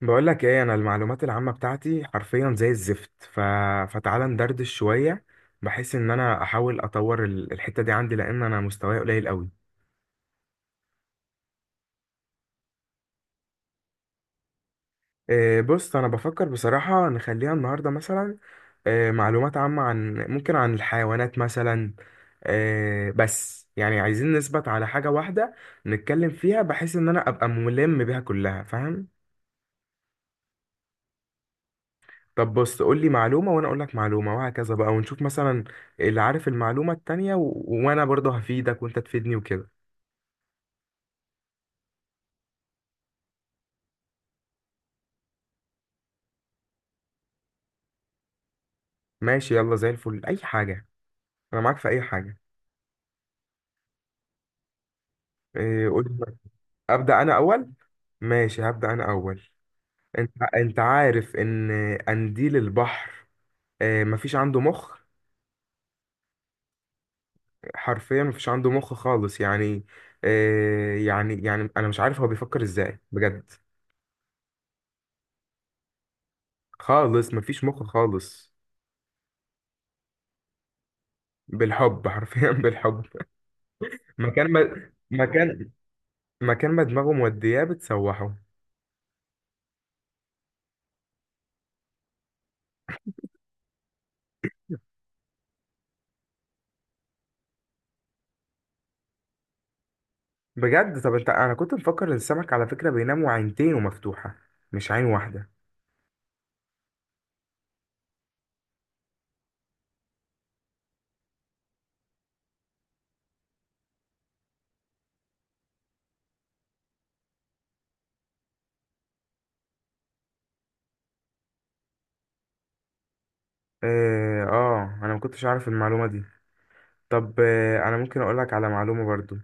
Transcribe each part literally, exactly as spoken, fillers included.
بقول لك ايه، انا المعلومات العامة بتاعتي حرفيا زي الزفت. ف... فتعالى ندردش شوية. بحيث ان انا احاول اطور ال- الحتة دي عندي، لان انا مستواي قليل قوي. إيه، بص انا بفكر بصراحة نخليها النهاردة مثلا. إيه، معلومات عامة عن ممكن عن الحيوانات مثلا. إيه، بس يعني عايزين نثبت على حاجة واحدة نتكلم فيها، بحيث ان انا ابقى ملم بيها كلها، فاهم؟ طب بص، قول لي معلومة وانا اقول لك معلومة وهكذا بقى، ونشوف مثلا اللي عارف المعلومة التانية. و... وانا برضه هفيدك وانت تفيدني وكده. ماشي، يلا زي الفل، اي حاجة. انا معاك في اي حاجة. إيه، قول لي. ابدأ انا اول. ماشي، هبدأ انا اول. انت انت عارف ان قنديل البحر، آه، مفيش عنده مخ. حرفيا مفيش عنده مخ خالص يعني. آه، يعني يعني انا مش عارف هو بيفكر ازاي بجد. خالص مفيش مخ خالص. بالحب، حرفيا بالحب. مكان ما مكان مكان ما دماغه مودياه بتسوحه. بجد. طب، انت انا كنت مفكر ان السمك على فكرة بينام وعينتينه مفتوحة، مش عين واحدة. اه، آه انا ما كنتش عارف المعلومة دي. طب، آه انا ممكن اقول لك على معلومة برضو.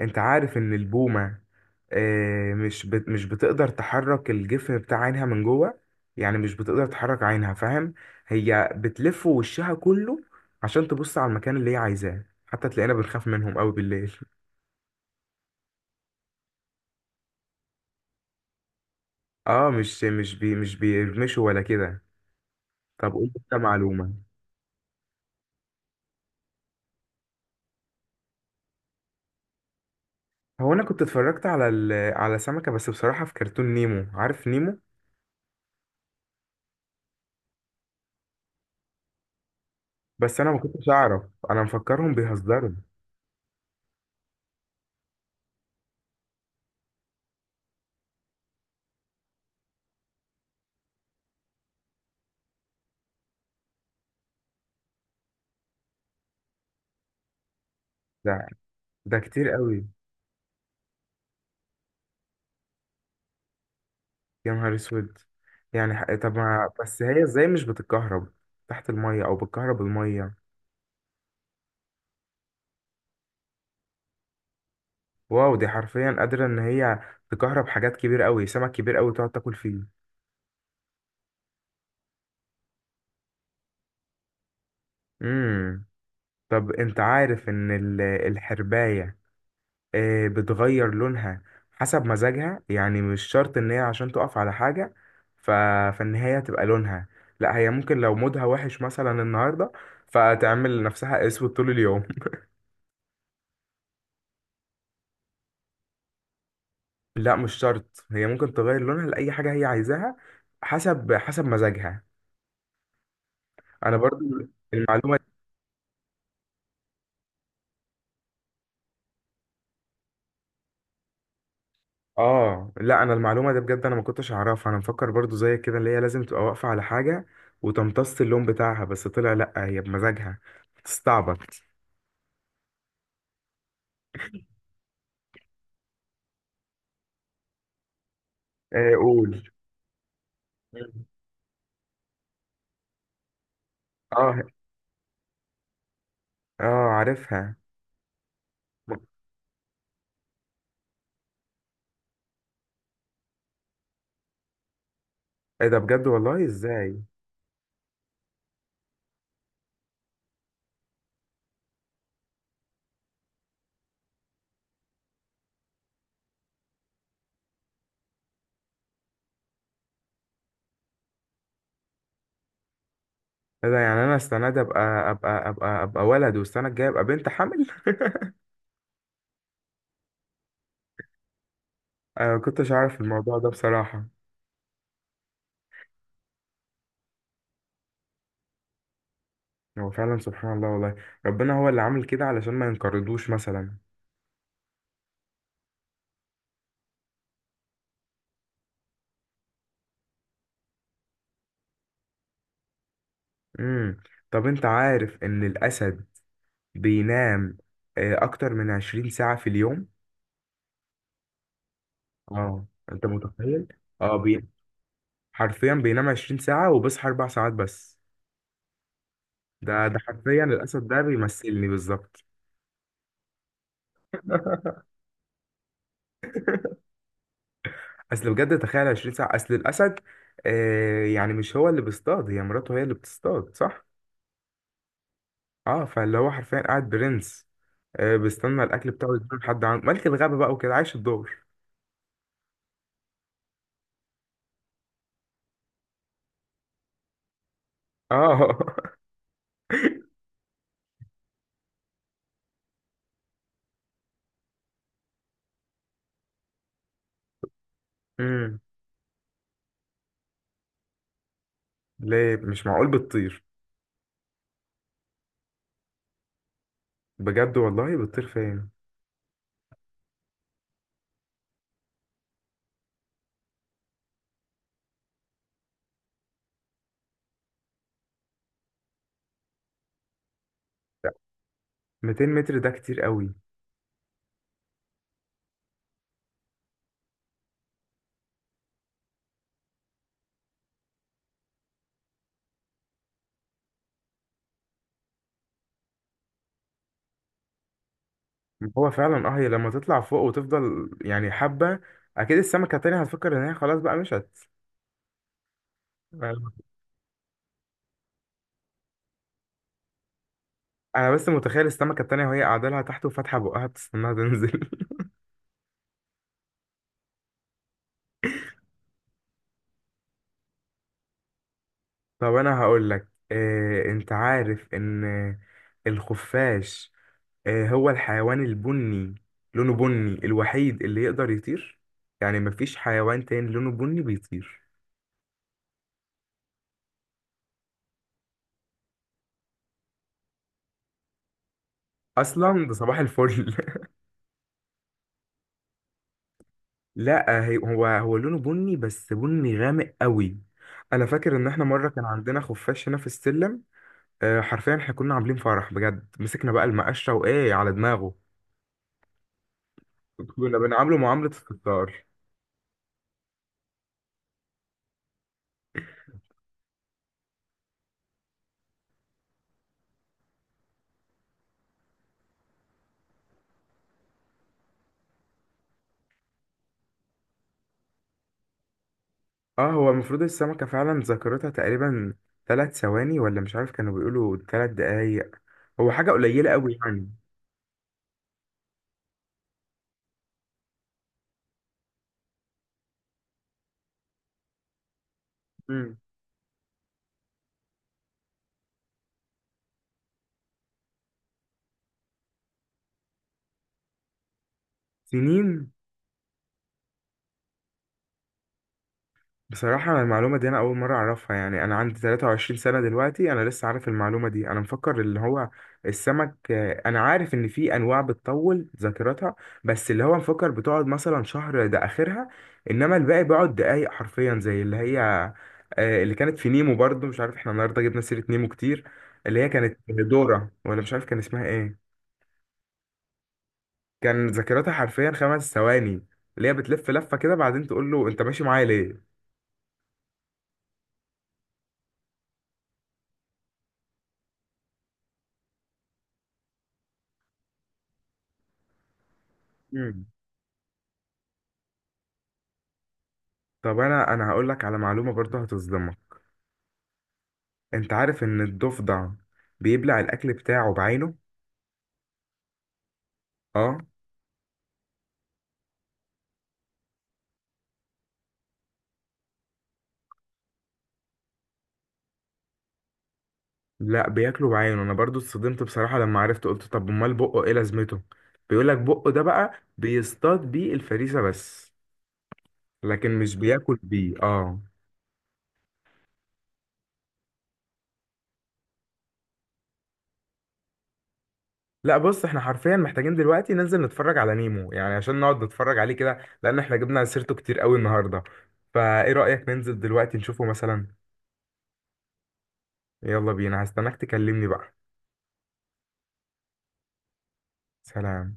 انت عارف ان البومة، آه مش بت مش بتقدر تحرك الجفن بتاع عينها من جوه، يعني مش بتقدر تحرك عينها، فاهم؟ هي بتلف وشها كله عشان تبص على المكان اللي هي عايزاه، حتى تلاقينا بنخاف منهم قوي بالليل. اه، مش مش بي مش بيرمشوا ولا كده. طب قول لي انت معلومة. هو انا كنت اتفرجت على ال... على سمكة، بس بصراحة في كرتون نيمو. عارف نيمو؟ بس انا ما كنتش اعرف، انا مفكرهم بيهزروا. ده ده كتير قوي. يا نهار اسود! يعني ح- طب ما بس، هي ازاي مش بتتكهرب تحت المية، او بتكهرب المية؟ واو، دي حرفيا قادرة ان هي تكهرب حاجات كبير قوي، سمك كبير قوي تقعد تاكل فيه. امم طب، انت عارف ان ال... الحرباية، آه، بتغير لونها حسب مزاجها، يعني مش شرط ان هي عشان تقف على حاجة ف... فان هي تبقى لونها. لا، هي ممكن لو مودها وحش مثلا النهاردة فتعمل نفسها اسود طول اليوم. لا، مش شرط، هي ممكن تغير لونها لأي حاجة هي عايزاها، حسب حسب مزاجها. انا برضو المعلومة. اه لا، انا المعلومة دي بجد انا ما كنتش اعرفها، انا مفكر برضو زي كده اللي هي لازم تبقى واقفة على حاجة وتمتص اللون بتاعها، بس طلع لا، هي بمزاجها تستعبط. آه، قول. مم. اه، اه، عارفها. م- ايه ده بجد، والله ازاي؟ ايه ده؟ يعني انا السنه دي ابقى ابقى ابقى ابقى ولد والسنه الجايه ابقى بنت حمل. انا ما كنتش عارف الموضوع ده بصراحه. هو فعلا سبحان الله والله. ربنا هو اللي عامل كده علشان ما ينقرضوش مثلا. امم طب، انت عارف ان الاسد بينام آه، اكتر من عشرين ساعه في اليوم. اه، انت متخيل اه بي... حرفيا بينام عشرين ساعه وبيصحى اربع ساعات بس. ده ده حرفيا الاسد ده بيمثلني بالظبط. اصل بجد تخيل عشرين ساعة، اصل الاسد آه يعني مش هو اللي بيصطاد، هي مراته هي اللي بتصطاد، صح؟ اه، فاللي هو حرفيا قاعد برنس، آه بيستنى الاكل بتاعه يجيله لحد عنده، ملك الغابة بقى وكده، عايش الدور. اه. امم ليه؟ مش معقول بتطير؟ بجد والله؟ بتطير فين؟ ميتين متر ده كتير قوي. هو فعلا. اه، هي لما تطلع فوق وتفضل يعني حبة، اكيد السمكة التانية هتفكر ان هي خلاص بقى مشت. انا بس متخيل السمكه التانية وهي قاعده لها تحت وفاتحه بقها بتستناها تنزل. طب انا هقول لك إيه، انت عارف ان الخفاش، إيه، هو الحيوان البني، لونه بني الوحيد اللي يقدر يطير، يعني مفيش حيوان تاني لونه بني بيطير. اصلا ده صباح الفل. لا، هي- هو هو لونه بني بس بني غامق قوي. انا فاكر ان احنا مره كان عندنا خفاش هنا في السلم، آه، حرفيا احنا كنا عاملين فرح بجد، مسكنا بقى المقشه وايه على دماغه. كنا بنعامله معاملة الستار. اه، هو المفروض السمكة فعلا ذاكرتها تقريبا ثلاث ثواني، ولا مش عارف كانوا بيقولوا ثلاث دقايق، هو حاجة قليلة قوي يعني. مم. سنين؟ بصراحة أنا المعلومة دي أنا أول مرة أعرفها. يعني أنا عندي تلاتة وعشرين سنة دلوقتي، أنا لسه عارف المعلومة دي. أنا مفكر اللي هو السمك، آه، أنا عارف إن في أنواع بتطول ذاكرتها، بس اللي هو مفكر بتقعد مثلا شهر ده آخرها، إنما الباقي بيقعد دقايق حرفيا، زي اللي هي آه، اللي كانت في نيمو. برضو مش عارف، إحنا النهاردة جبنا سيرة نيمو كتير. اللي هي كانت دورة، ولا مش عارف كان اسمها إيه. كان ذاكرتها حرفيا خمس ثواني، اللي هي بتلف لفة كده بعدين تقول له أنت ماشي معايا. ليه؟ طب انا انا هقول لك على معلومه برضه هتصدمك. انت عارف ان الضفدع بيبلع الاكل بتاعه بعينه؟ اه. لا بياكله بعينه، انا برضه اتصدمت بصراحه لما عرفت، قلت طب امال بقه ايه لازمته؟ بيقول لك بقه ده بقى بيصطاد بيه الفريسه بس، لكن مش بياكل بيه. اه. لا، بص، احنا حرفيا محتاجين دلوقتي ننزل نتفرج على نيمو، يعني عشان نقعد نتفرج عليه كده، لان احنا جبنا سيرته كتير قوي النهارده. فايه رايك ننزل دلوقتي نشوفه مثلا؟ يلا بينا، هستناك تكلمني بقى. سلام.